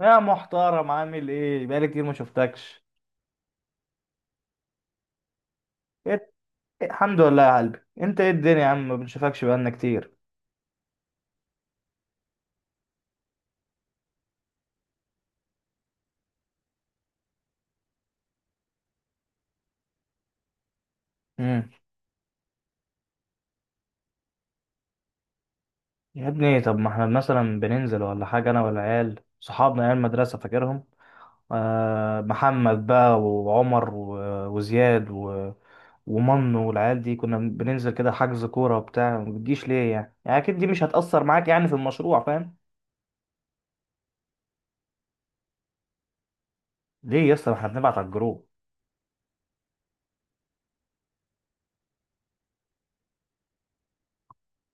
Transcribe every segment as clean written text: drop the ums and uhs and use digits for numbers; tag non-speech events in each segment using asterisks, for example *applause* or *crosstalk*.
يا محترم، عامل ايه؟ بقالي كتير ما شفتكش. إيه؟ الحمد لله يا قلبي، انت ايه الدنيا يا عم؟ ما بنشوفكش بقالنا كتير. امم يا ابني، طب ما احنا مثلا بننزل ولا حاجه، انا والعيال صحابنا عيال المدرسه فاكرهم. آه، محمد بقى وعمر و- وزياد ومنو والعيال دي. كنا بننزل كده، حجز كوره وبتاع. ما بتجيش ليه يعني؟ يعني اكيد دي مش هتأثر معاك يعني في المشروع، فاهم. ليه يا اسطى؟ ما احنا بنبعت على الجروب.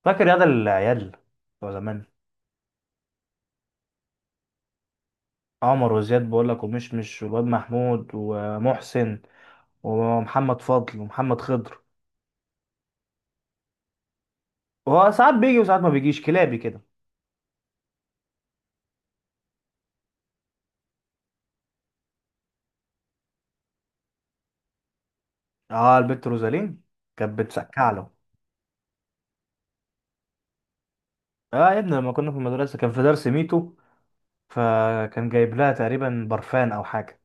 فاكر يا ده العيال بتوع زمان؟ عمر وزياد بقول لك، ومشمش، والواد محمود ومحسن ومحمد فضل ومحمد خضر. هو ساعات بيجي وساعات ما بيجيش، كلابي كده. اه، البت روزالين كانت بتسكع له. اه يا ابني، لما كنا في المدرسه كان في درس ميتو، فكان جايب لها تقريبا برفان او حاجه.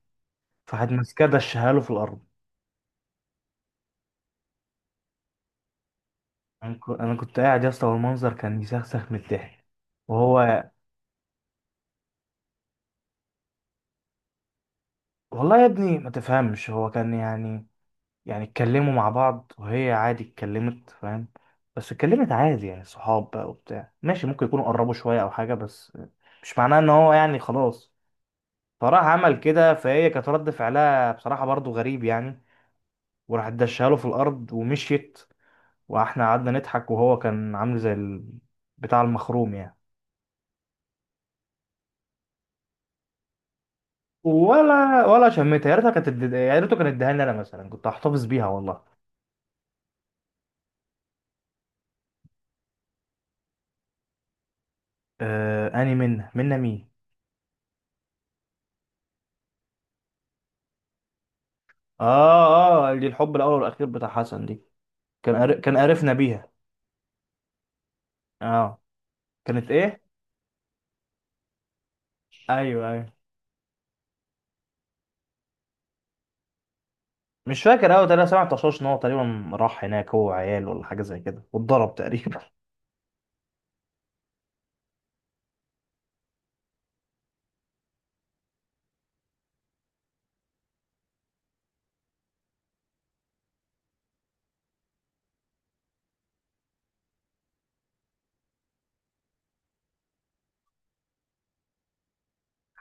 فحد ماسكاه دشها له في الارض. أنا كنت قاعد يا اسطى، والمنظر كان يسخسخ من الضحك. وهو والله يا ابني ما تفهمش. هو كان يعني، يعني اتكلموا مع بعض، وهي عادي اتكلمت، فاهم. بس اتكلمت عادي يعني، صحاب بقى وبتاع، ماشي، ممكن يكونوا قربوا شوية أو حاجة، بس مش معناه إن هو يعني خلاص. فراح عمل كده، فهي كانت رد فعلها بصراحة برضو غريب يعني. وراحت دشها له في الأرض ومشيت. وإحنا قعدنا نضحك، وهو كان عامل زي بتاع المخروم يعني. ولا شميتها، يا ريتها كانت يا ريته كان اداها لي أنا مثلا، كنت هحتفظ بيها والله. آه، أني منا منا مين؟ آه آه، دي الحب الأول والأخير بتاع حسن دي. كان قرفنا بيها. اه، كانت ايه؟ ايوه ايوه، مش فاكر قوي. انا سمعت طشاش ان هو تقريبا راح هناك، هو عيال ولا حاجه زي كده، واتضرب تقريبا.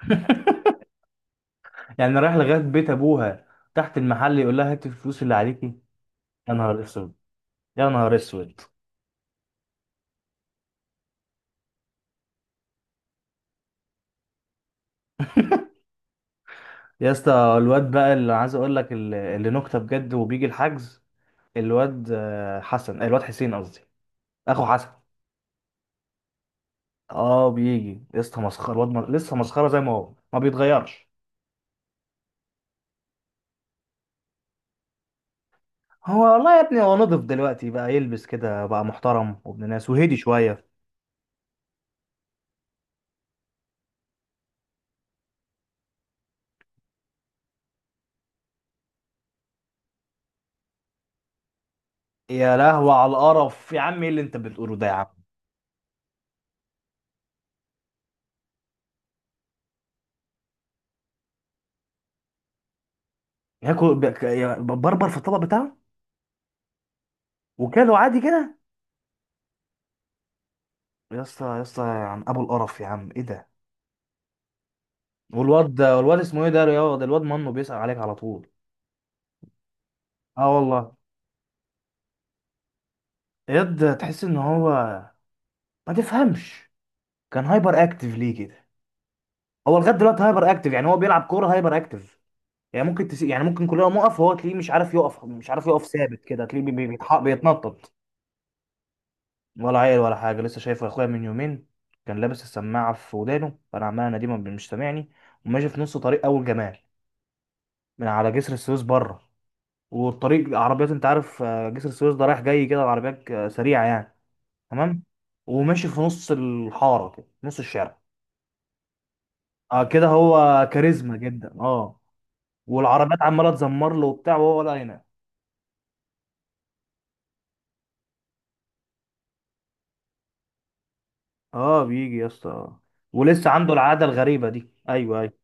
*laughs* يعني رايح لغايه بيت ابوها تحت المحل يقول لها هاتي الفلوس اللي عليكي؟ يا نهار اسود، يا نهار اسود. يا اسطى، الواد بقى اللي عايز اقول لك، اللي نكته بجد، وبيجي الحجز. الواد حسن، الواد حسين قصدي، اخو حسن. اه بيجي يا اسطى، مسخره الواد، لسه مسخره زي ما هو، ما بيتغيرش. والله يا ابني، هو نضف دلوقتي بقى، يلبس كده بقى محترم وابن ناس، وهدي شوية. يا لهوي على القرف يا عم، ايه اللي انت بتقوله ده يا عم؟ ياكل بربر في الطبق بتاعه وكاله عادي كده؟ يا اسطى، يا اسطى، يا عم ابو القرف، يا عم ايه ده؟ والواد اسمه ايه ده؟ يا ده، الواد منه بيسأل عليك على طول. اه والله. الواد تحس ان هو، ما تفهمش، كان هايبر اكتيف ليه كده؟ هو لغايه دلوقتي هايبر اكتيف، يعني هو بيلعب كوره هايبر اكتيف. يعني ممكن كلنا نقف، وهو تلاقيه مش عارف يقف، مش عارف يقف ثابت كده، تلاقيه بيتنطط. ولا عيل ولا حاجه. لسه شايفه اخويا من يومين، كان لابس السماعه في ودانه، فانا عمال اناديه ما بي- مش سامعني، وماشي في نص طريق اول جمال من على جسر السويس بره. والطريق عربيات، انت عارف، جسر السويس ده رايح جاي كده، العربيات سريعه يعني، تمام؟ وماشي في نص الحاره كده، نص الشارع. اه كده، هو كاريزما جدا، اه. والعربيات عماله تزمر له وبتاع، وهو ولا ينام. اه بيجي يا اسطى، آه. ولسه عنده العاده الغريبه دي، ايوه ايوه.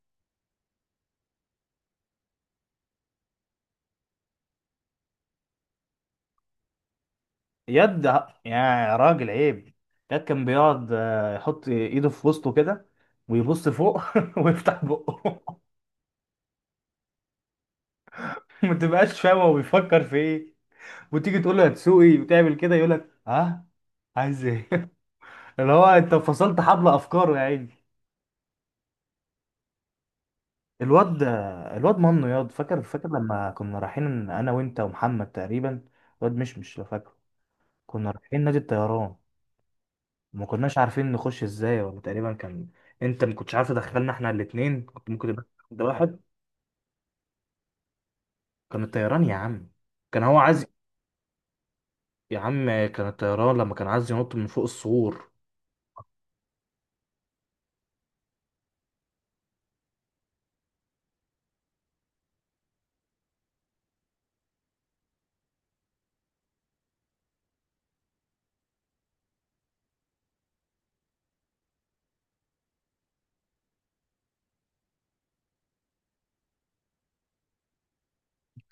يد يا راجل عيب. يد كان بيقعد، يحط ايده في وسطه كده، ويبص فوق *laughs* ويفتح بقه. *laughs* ما تبقاش فاهم هو بيفكر في ايه. وتيجي تقول له هتسوقي وتعمل كده يقول لك ها، عايز ايه؟ *laughs* اللي هو، انت فصلت حبل افكاره يا عيني. الواد، منه ياض، فاكر لما كنا رايحين انا وانت ومحمد تقريبا، الواد، مش لو فاكره، كنا رايحين نادي الطيران. ما كناش عارفين نخش ازاي، ولا تقريبا كان انت ما كنتش عارف تدخلنا احنا الاثنين، كنت ممكن يبقى ده واحد. كان الطيران يا عم، كان هو عايز. يا عم كان الطيران، لما كان عايز ينط من فوق السور.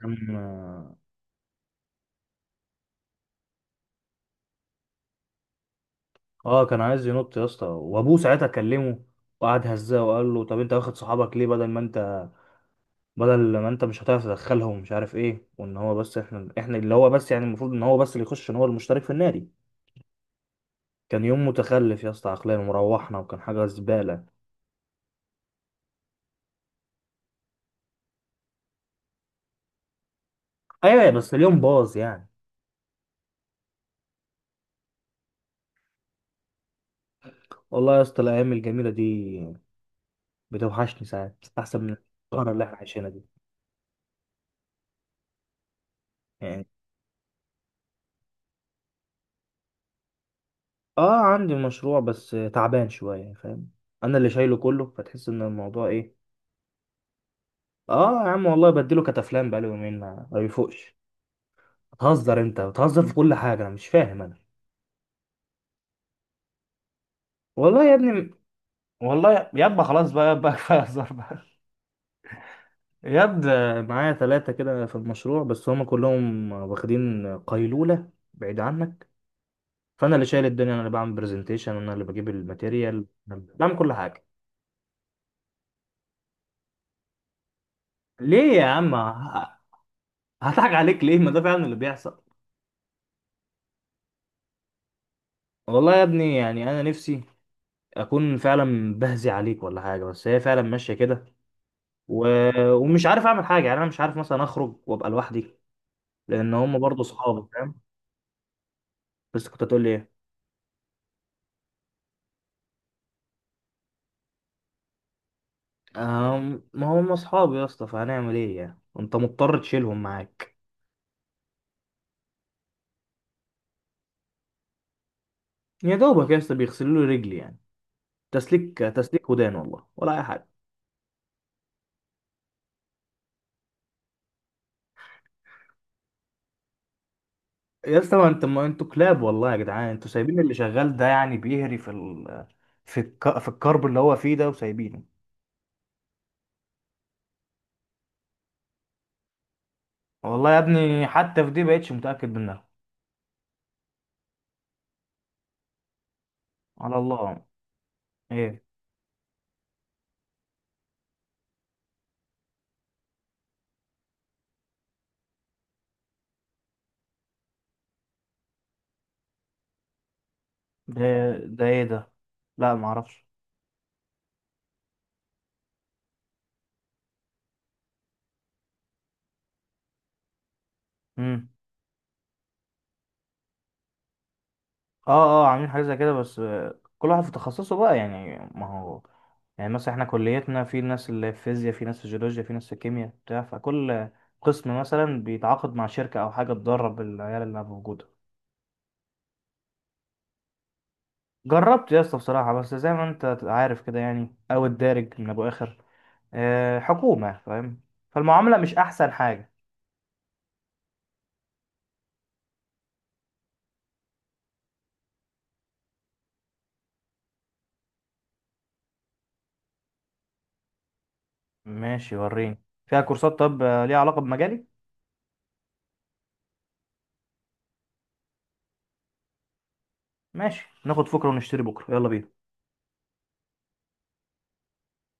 كان اه آه، كان عايز ينط يا اسطى، وابوه ساعتها كلمه وقعد هزاه وقال له طب انت واخد صحابك ليه، بدل ما انت، بدل ما انت مش هتعرف تدخلهم، مش عارف ايه، وان هو بس، احنا اللي هو بس يعني، المفروض ان هو بس اللي يخش، ان هو المشترك في النادي. كان يوم متخلف يا اسطى عقليا، وروحنا وكان حاجه زباله. ايوه، بس اليوم باظ يعني. والله يا اسطى الايام الجميله دي بتوحشني ساعات، احسن من القرف اللي احنا عايشينها دي يعني. اه عندي مشروع، بس تعبان شويه، فاهم. انا اللي شايله كله، فتحس ان الموضوع ايه. اه يا عم والله، بديله كتافلام بقاله يومين ما بيفوقش. بتهزر، انت بتهزر في كل حاجه، انا مش فاهم انا. والله يا ابني. والله يابا، خلاص بقى يابا، كفايه هزار بقى. ياد، معايا ثلاثه كده في المشروع، بس هم كلهم واخدين قيلوله، بعيد عنك. فانا اللي شايل الدنيا، انا اللي بعمل برزنتيشن، انا اللي بجيب الماتيريال، أنا اللي بعمل كل حاجه. ليه يا عم، هضحك عليك ليه؟ ما ده فعلا اللي بيحصل. والله يا ابني، يعني انا نفسي اكون فعلا بهزي عليك ولا حاجه، بس هي فعلا ماشيه كده. و... ومش عارف اعمل حاجه يعني. انا مش عارف مثلا اخرج وابقى لوحدي، لان هم برضه اصحابي، فاهم. بس كنت هتقول لي ايه؟ ما هم اصحابي يا اسطى، فهنعمل ايه يعني، انت مضطر تشيلهم معاك. يا دوبك يا اسطى بيغسلوا لي رجلي يعني، تسليك تسليك ودان والله، ولا اي حاجه. يا اسطى، ما انتوا كلاب والله يا جدعان، انتوا سايبين اللي شغال ده يعني بيهري في الكرب اللي هو فيه ده وسايبينه. والله يا ابني، حتى في دي بقتش متأكد منها. على الله. ايه ده ده ايه ده؟ لا، ما اعرفش. امم. اه اه، عاملين حاجه زي كده، بس كل واحد في تخصصه بقى يعني، ما هو يعني مثلا احنا كليتنا في ناس اللي في فيزياء، في ناس في جيولوجيا، في ناس في كيمياء بتاع، فكل قسم مثلا بيتعاقد مع شركه او حاجه تدرب العيال اللي موجوده. جربت يا اسطى بصراحة، بس زي ما انت تبقى عارف كده يعني، او الدارج من ابو اخر، حكومة، فاهم. فالمعاملة مش احسن حاجة. ماشي وريني. فيها كورسات طب، ليها علاقة بمجالي؟ ماشي، ناخد فكرة ونشتري بكرة، يلا بينا.